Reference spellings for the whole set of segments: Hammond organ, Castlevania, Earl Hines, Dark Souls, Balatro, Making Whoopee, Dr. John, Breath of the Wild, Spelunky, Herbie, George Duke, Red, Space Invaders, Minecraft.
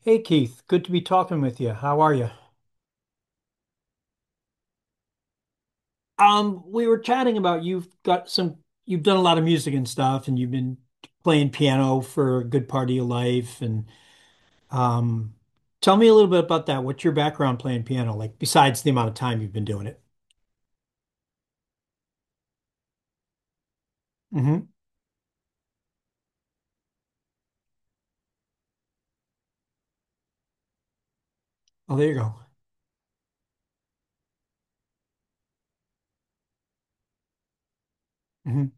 Hey Keith, good to be talking with you. How are you? We were chatting about you've got some, you've done a lot of music and stuff, and you've been playing piano for a good part of your life. And um, tell me a little bit about that. What's your background playing piano like, besides the amount of time you've been doing it? Hmm. Oh, there you go. Hmm.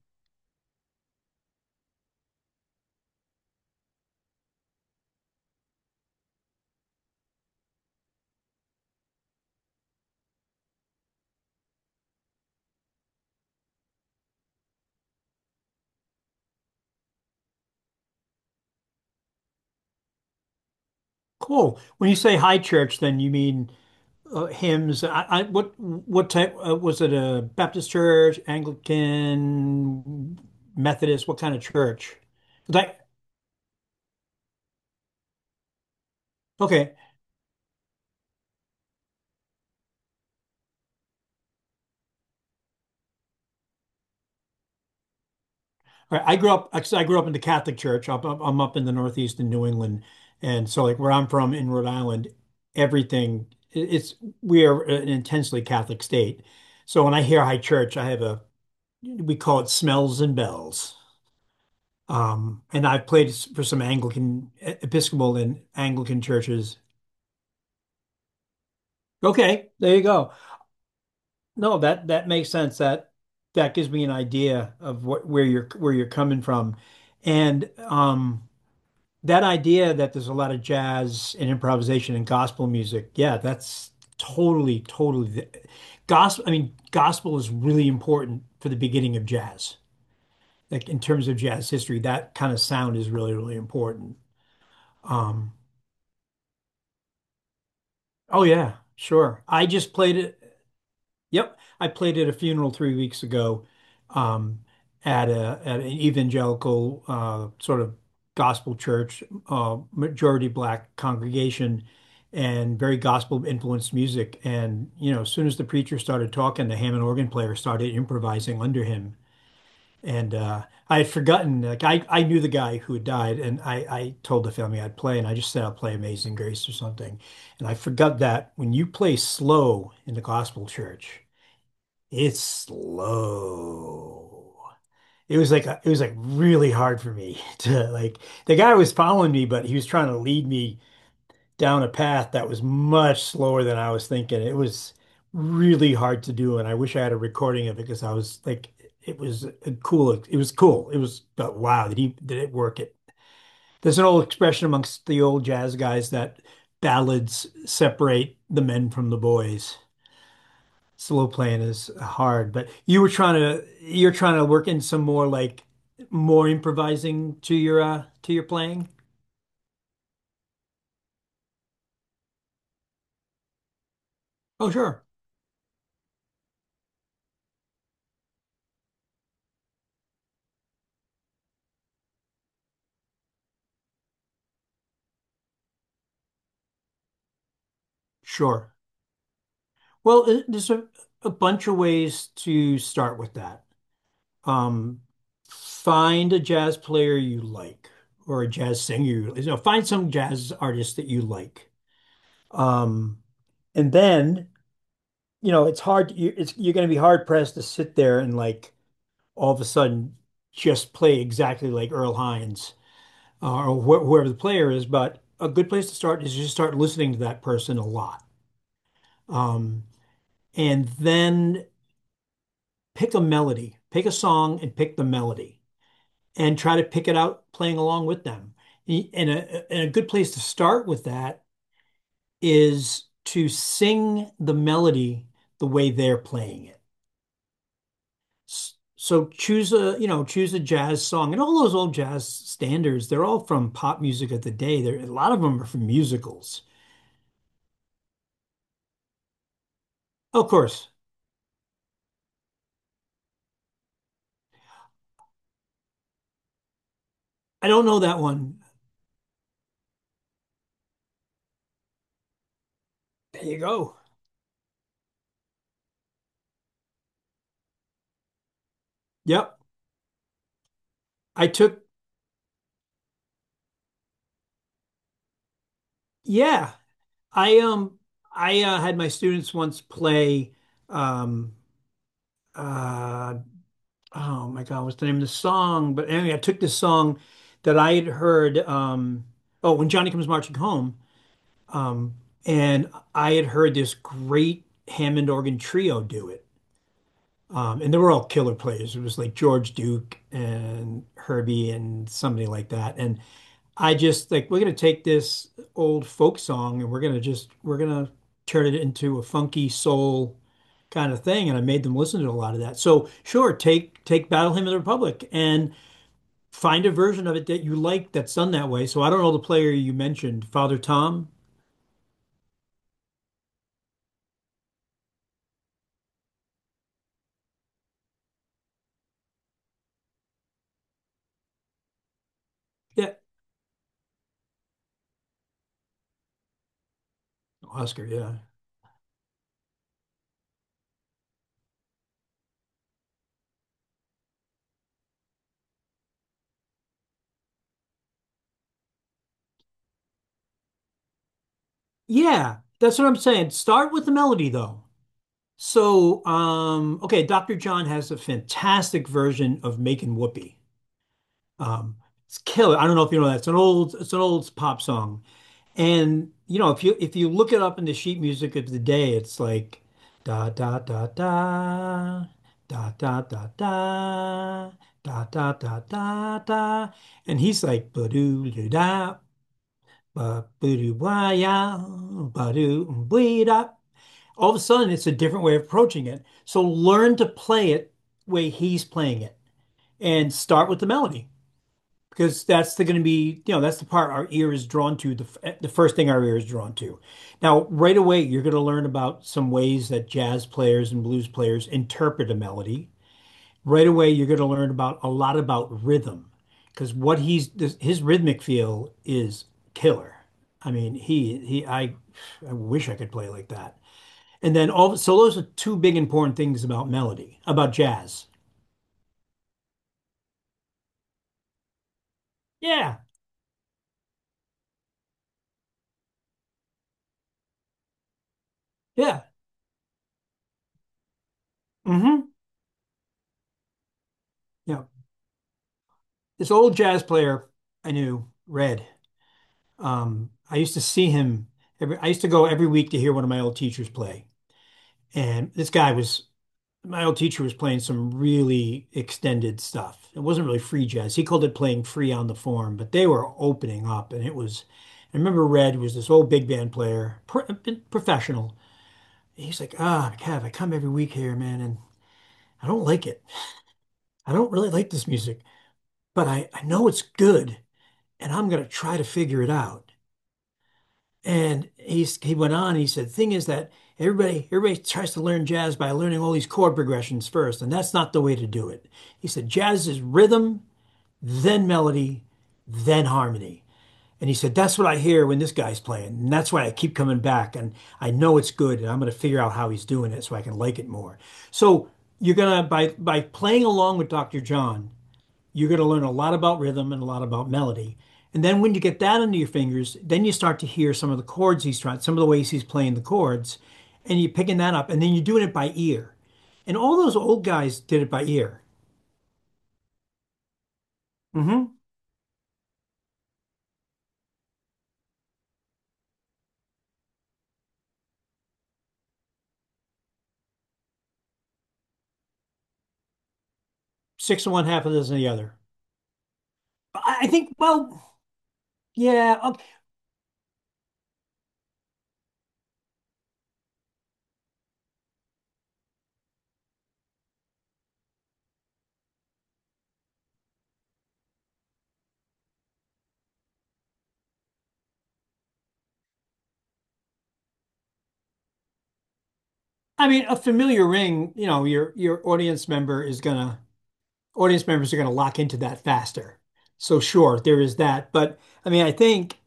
Cool. When you say high church, then you mean hymns. What type was it? A Baptist church, Anglican, Methodist? What kind of church? 'Cause I, okay. Right. I grew up, actually, I grew up in the Catholic Church. I'm up in the Northeast in New England. And so, like, where I'm from in Rhode Island, everything, it's, we are an intensely Catholic state. So when I hear high church, I have a, we call it smells and bells. And I've played for some Anglican, Episcopal and Anglican churches. Okay, there you go. No, that makes sense. That gives me an idea of what, where you're coming from. And, that idea that there's a lot of jazz and improvisation and gospel music, yeah, that's totally, totally the, gospel. I mean, gospel is really important for the beginning of jazz. Like in terms of jazz history, that kind of sound is really, really important. Um, oh yeah, sure. I just played it. Yep, I played at a funeral 3 weeks ago, um, at a at an evangelical sort of gospel church, majority black congregation, and very gospel influenced music. And you know, as soon as the preacher started talking, the Hammond organ player started improvising under him. And I had forgotten, like I knew the guy who had died, and I told the family I'd play, and I just said I'll play Amazing Grace or something. And I forgot that when you play slow in the gospel church, it's slow. It was like a, it was like really hard for me to like the guy was following me, but he was trying to lead me down a path that was much slower than I was thinking. It was really hard to do, and I wish I had a recording of it because I was like, it was a cool. It was cool. It was, but wow, did he did it work it? There's an old expression amongst the old jazz guys that ballads separate the men from the boys. Slow playing is hard, but you were trying to you're trying to work in some more like more improvising to your playing. Oh, sure. Sure. Well, there's a bunch of ways to start with that. Um, Find a jazz player you like or a jazz singer you, you know, find some jazz artist that you like. Um, and then, you know, it's hard, you, it's, you're going to be hard pressed to sit there and like all of a sudden just play exactly like Earl Hines or wh whoever the player is. But a good place to start is just start listening to that person a lot. Um, and then pick a melody, pick a song and pick the melody and try to pick it out playing along with them. And a good place to start with that is to sing the melody the way they're playing it. So choose a, you know, choose a jazz song. And all those old jazz standards, they're all from pop music of the day. There, a lot of them are from musicals. Of course, I don't know that one. There you go. Yep. I took, yeah. I um I had my students once play um uh oh my God, what's the name of the song? But anyway, I took this song that I had heard oh, When Johnny Comes Marching Home. Um, and I had heard this great Hammond organ trio do it. And they were all killer players. It was like George Duke and Herbie and somebody like that. And I just like, we're going to take this old folk song and we're going to just, we're going to turn it into a funky soul kind of thing. And I made them listen to a lot of that. So sure, take, take Battle Hymn of the Republic and find a version of it that you like that's done that way. So I don't know the player you mentioned, Father Tom. Yeah. Oscar. Yeah. Yeah, that's what I'm saying. Start with the melody though. So, okay, Dr. John has a fantastic version of Making Whoopee. Um, it's killer. I don't know if you know that. It's an old pop song. And you know, if you look it up in the sheet music of the day, it's like da da da da da da da da da da da da da. And he's like ba doo da ba ba doo wah ya ba doo da all of a sudden it's a different way of approaching it. So learn to play it the way he's playing it and start with the melody because that's going to be, you know, that's the part our ear is drawn to, the first thing our ear is drawn to. Now, right away, you're going to learn about some ways that jazz players and blues players interpret a melody. Right away, you're going to learn about a lot about rhythm because what he's, his rhythmic feel is killer. I mean, I wish I could play like that. And then all so those are two big important things about melody, about jazz. Yeah, yeah. Mm-hmm. Yeah. This old jazz player I knew, Red. I used to see him every I used to go every week to hear one of my old teachers play. And this guy was my old teacher was playing some really extended stuff. It wasn't really free jazz. He called it playing free on the form, but they were opening up and it was I remember Red was this old big band player, professional. He's like, ah, oh, Kev, I come every week here, man, and I don't like it. I don't really like this music, but I know it's good and I'm going to try to figure it out. And he went on, he said, thing is that everybody tries to learn jazz by learning all these chord progressions first, and that's not the way to do it. He said, jazz is rhythm, then melody, then harmony. And he said, that's what I hear when this guy's playing. And that's why I keep coming back. And I know it's good. And I'm going to figure out how he's doing it so I can like it more. So you're going to, by playing along with Dr. John, you're going to learn a lot about rhythm and a lot about melody. And then when you get that under your fingers, then you start to hear some of the chords he's trying, some of the ways he's playing the chords, and you're picking that up. And then you're doing it by ear. And all those old guys did it by ear. Mm-hmm. Six of one, half a dozen of the other. I think, well, yeah. Okay. I mean, a familiar ring, you know, your audience member is gonna audience members are gonna lock into that faster. So sure, there is that. But I mean, I think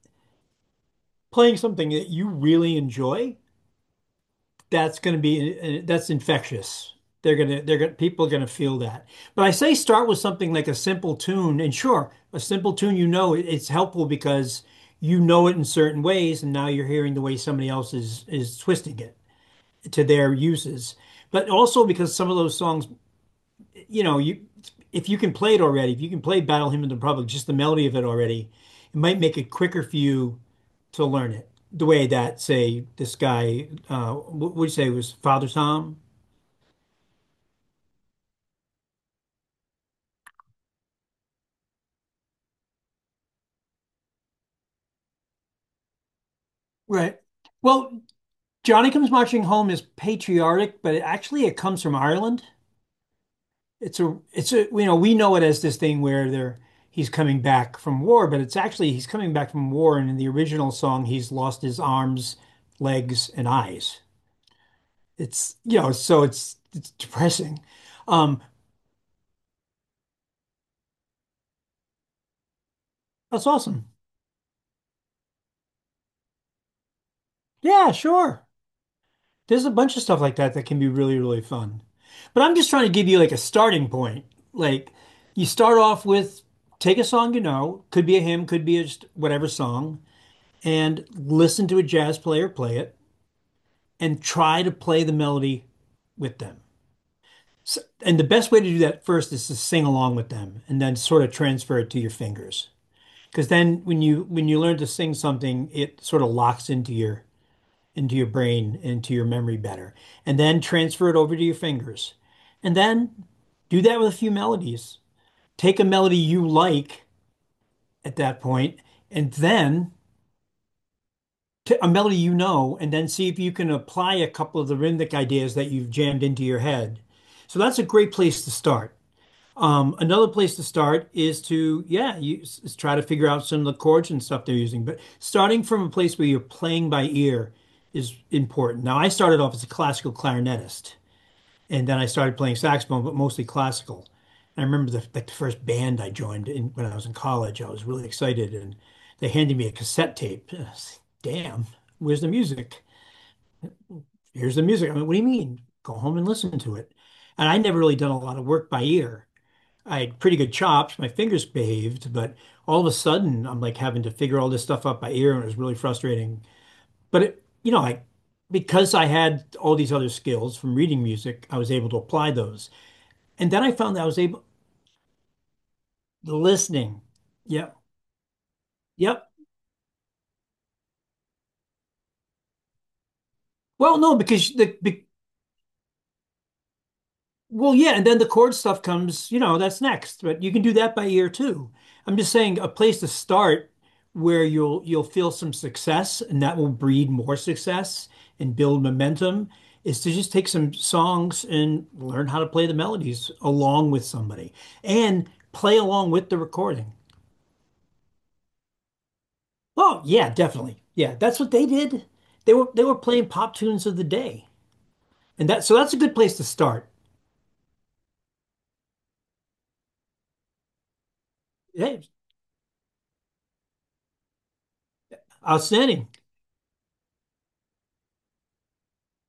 playing something that you really enjoy that's going to be that's infectious. They're gonna people are gonna feel that. But I say start with something like a simple tune, and sure, a simple tune you know it's helpful because you know it in certain ways, and now you're hearing the way somebody else is twisting it to their uses. But also because some of those songs, you know, you if you can play it already, if you can play Battle Hymn of the Republic, just the melody of it already, it might make it quicker for you to learn it. The way that, say, this guy, what would you say was Father Tom? Right. Well, Johnny Comes Marching Home is patriotic, but it actually it comes from Ireland. It's a you know, we know it as this thing where they're he's coming back from war, but it's actually he's coming back from war and in the original song he's lost his arms, legs, and eyes. It's you know, so it's depressing. Um, that's awesome. Yeah, sure. There's a bunch of stuff like that that can be really, really fun. But I'm just trying to give you like a starting point. Like you start off with take a song you know, could be a hymn, could be a just whatever song, and listen to a jazz player play it and try to play the melody with them. So, and the best way to do that first is to sing along with them and then sort of transfer it to your fingers. Because then when you learn to sing something, it sort of locks into your brain, into your memory better, and then transfer it over to your fingers. And then do that with a few melodies. Take a melody you like at that point, and then to a melody you know, and then see if you can apply a couple of the rhythmic ideas that you've jammed into your head. So that's a great place to start. Another place to start is to, yeah, you try to figure out some of the chords and stuff they're using. But starting from a place where you're playing by ear is important. Now, I started off as a classical clarinetist, and then I started playing saxophone, but mostly classical. And I remember the, like the first band I joined in, when I was in college. I was really excited, and they handed me a cassette tape. And I was like, Damn, where's the music? Here's the music. I mean, what do you mean? Go home and listen to it. And I never really done a lot of work by ear. I had pretty good chops. My fingers behaved, but all of a sudden, I'm like having to figure all this stuff out by ear, and it was really frustrating. But it, you know, I because I had all these other skills from reading music, I was able to apply those. And then I found that I was able listening. Yeah. Yep. Well, no, because well, yeah, and then the chord stuff comes, you know, that's next, but you can do that by ear too. I'm just saying a place to start where you'll feel some success and that will breed more success and build momentum is to just take some songs and learn how to play the melodies along with somebody and play along with the recording. Oh, yeah, definitely. Yeah, that's what they did. They were playing pop tunes of the day. And that so that's a good place to start. Hey, outstanding.